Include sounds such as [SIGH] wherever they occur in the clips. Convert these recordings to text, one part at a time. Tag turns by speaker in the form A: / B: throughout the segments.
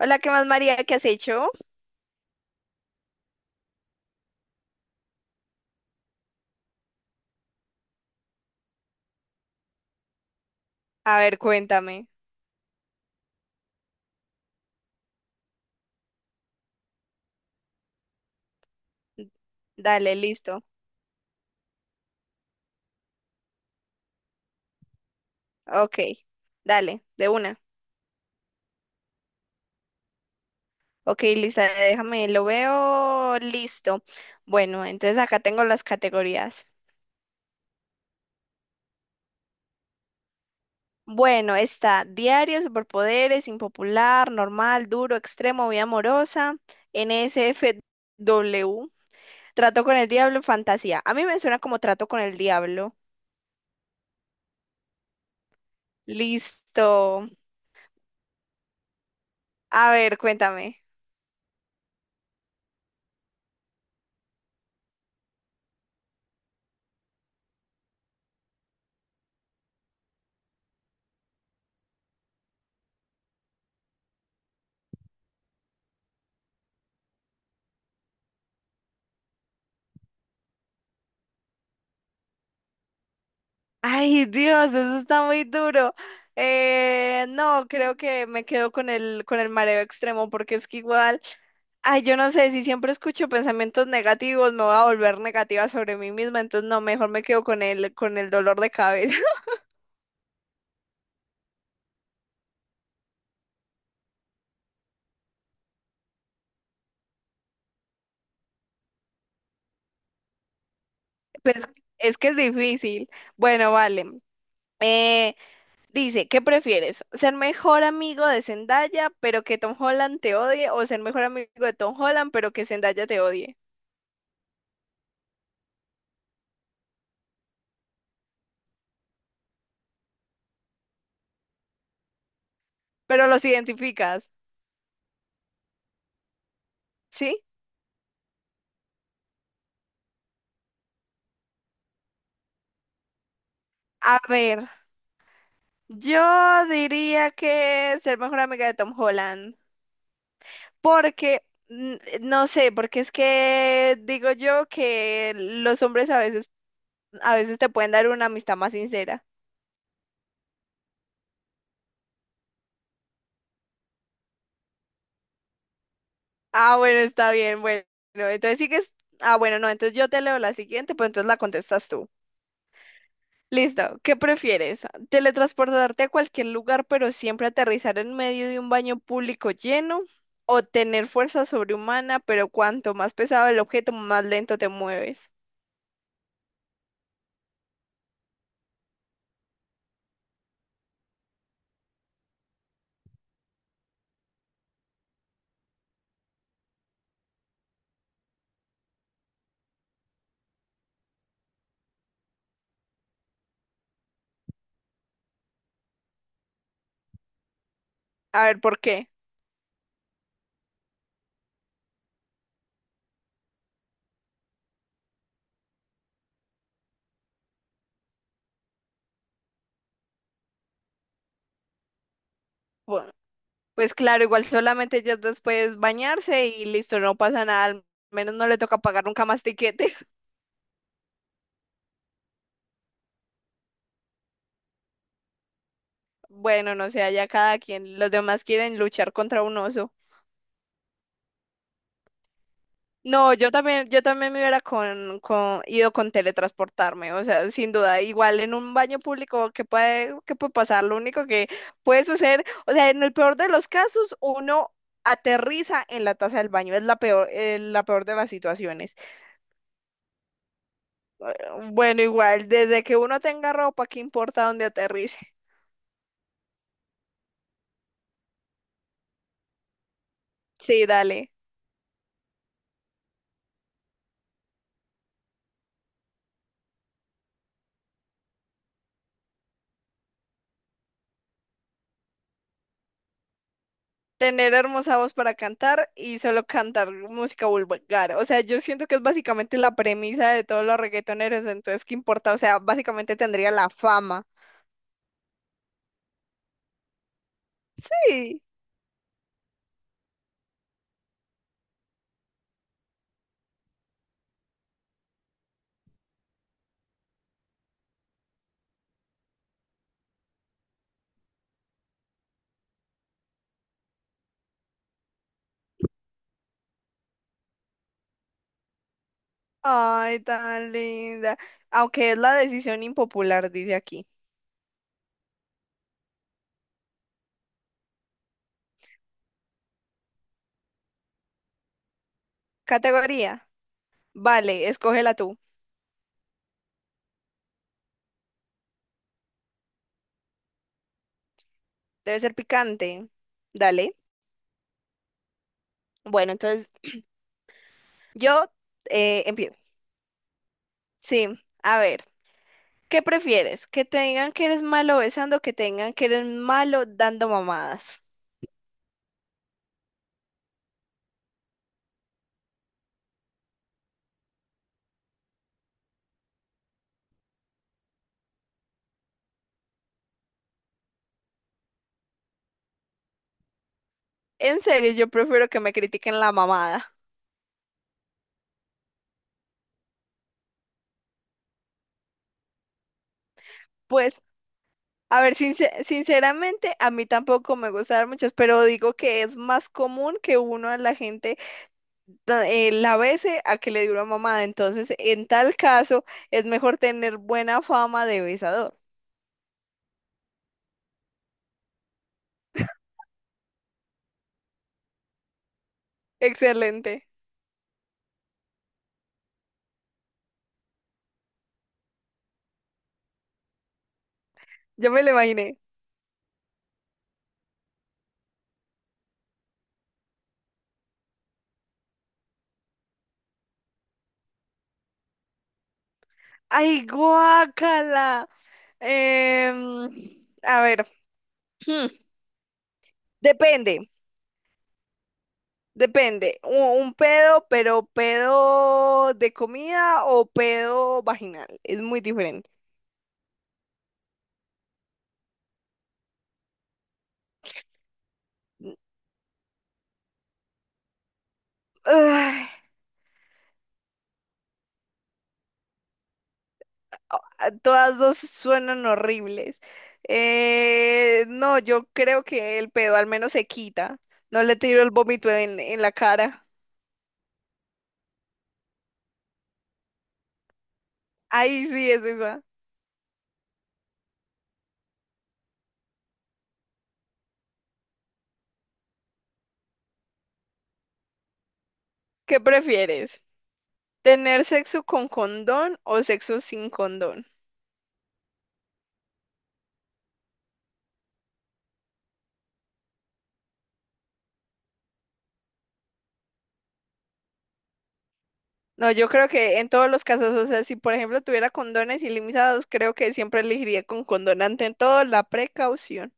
A: Hola, ¿qué más, María? ¿Qué has hecho? A ver, cuéntame. Dale, listo. Ok, dale, de una. Ok, Lisa. Déjame, lo veo listo. Bueno, entonces acá tengo las categorías. Bueno, está diario, superpoderes, impopular, normal, duro, extremo, vida amorosa, NSFW, trato con el diablo, fantasía. A mí me suena como trato con el diablo. Listo. A ver, cuéntame. Ay, Dios, eso está muy duro. No, creo que me quedo con el mareo extremo, porque es que igual, ay, yo no sé, si siempre escucho pensamientos negativos, me voy a volver negativa sobre mí misma, entonces no, mejor me quedo con el dolor de cabeza. [LAUGHS] Pues es que es difícil. Bueno, vale. Eh, dice, ¿qué prefieres? ¿Ser mejor amigo de Zendaya, pero que Tom Holland te odie? ¿O ser mejor amigo de Tom Holland, pero que Zendaya te odie? Pero los identificas, ¿sí? A ver, yo diría que ser mejor amiga de Tom Holland, porque no sé, porque es que digo yo que los hombres a veces te pueden dar una amistad más sincera. Ah, bueno, está bien, bueno. Entonces sigues. Ah, bueno, no, entonces yo te leo la siguiente, pues entonces la contestas tú. Listo, ¿qué prefieres? ¿Teletransportarte a cualquier lugar pero siempre aterrizar en medio de un baño público lleno? ¿O tener fuerza sobrehumana pero cuanto más pesado el objeto, más lento te mueves? A ver, ¿por qué? Bueno, pues claro, igual solamente ellas dos puedes bañarse y listo, no pasa nada, al menos no le toca pagar nunca más tiquetes. [LAUGHS] Bueno, no sé, allá cada quien, los demás quieren luchar contra un oso. No, yo también me hubiera ido con teletransportarme, o sea, sin duda, igual en un baño público, ¿qué puede pasar? Lo único que puede suceder, o sea, en el peor de los casos, uno aterriza en la taza del baño, es la peor de las situaciones. Bueno, igual, desde que uno tenga ropa, ¿qué importa dónde aterrice? Sí, dale. Tener hermosa voz para cantar y solo cantar música vulgar. O sea, yo siento que es básicamente la premisa de todos los reggaetoneros, entonces, ¿qué importa? O sea, básicamente tendría la fama. Sí. Ay, tan linda. Aunque es la decisión impopular, dice aquí. Categoría. Vale, escógela tú. Debe ser picante. Dale. Bueno, entonces yo empiezo. Sí, a ver. ¿Qué prefieres? ¿Que te digan que eres malo besando o que te digan que eres malo dando mamadas? En serio, yo prefiero que me critiquen la mamada. Pues, a ver, sinceramente, a mí tampoco me gustan muchas, pero digo que es más común que uno a la gente la bese a que le dé una mamada. Entonces, en tal caso, es mejor tener buena fama de besador. Excelente. Yo me lo imaginé. ¡Ay, guácala! Em, a ver, hmm, depende. Depende, un pedo, pero pedo de comida o pedo vaginal. Es muy diferente. Mm, Ay, todas dos suenan horribles. No, yo creo que el pedo al menos se quita. No le tiro el vómito en la cara. Ahí sí es esa. ¿Qué prefieres? ¿Tener sexo con condón o sexo sin condón? No, yo creo que en todos los casos, o sea, si por ejemplo tuviera condones ilimitados, creo que siempre elegiría con condón. Ante todo, la precaución,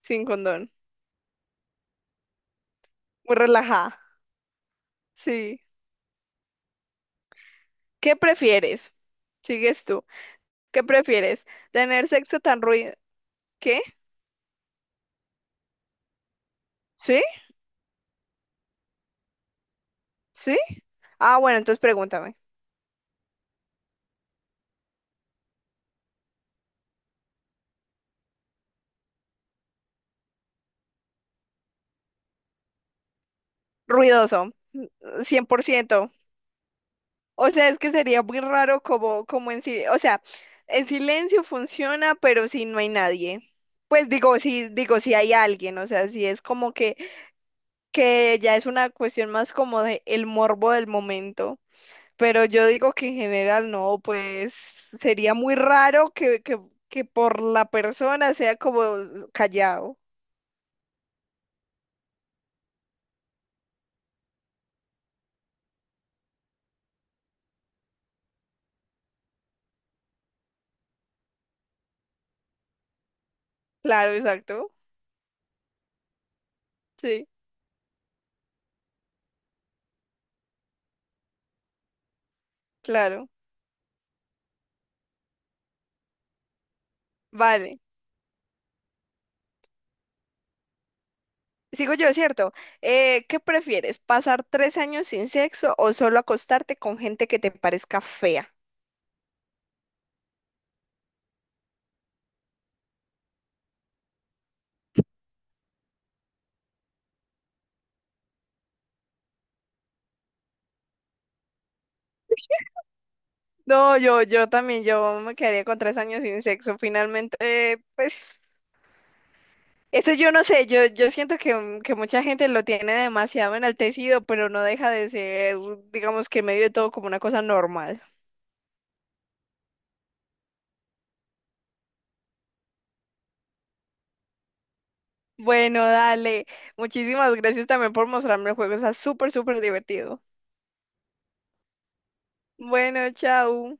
A: sin condón. Muy relajada. Sí. ¿Qué prefieres? Sigues tú. ¿Qué prefieres? ¿Tener sexo tan ruido? ¿Qué? ¿Sí? ¿Sí? Ah, bueno, entonces pregúntame. Ruidoso, 100%. O sea, es que sería muy raro como, en silencio. O sea, el silencio funciona, pero si no hay nadie. Pues digo, si hay alguien, o sea, si es como que ya es una cuestión más como de el morbo del momento. Pero yo digo que en general no, pues sería muy raro que por la persona sea como callado. Claro, exacto. Sí, claro. Vale. Sigo yo, ¿cierto? ¿Qué prefieres? ¿Pasar 3 años sin sexo o solo acostarte con gente que te parezca fea? No, yo también, yo me quedaría con 3 años sin sexo. Finalmente, pues esto yo no sé, yo siento que mucha gente lo tiene demasiado enaltecido, pero no deja de ser, digamos que en medio de todo como una cosa normal. Bueno, dale. Muchísimas gracias también por mostrarme el juego. Está súper, súper divertido. Bueno, chao.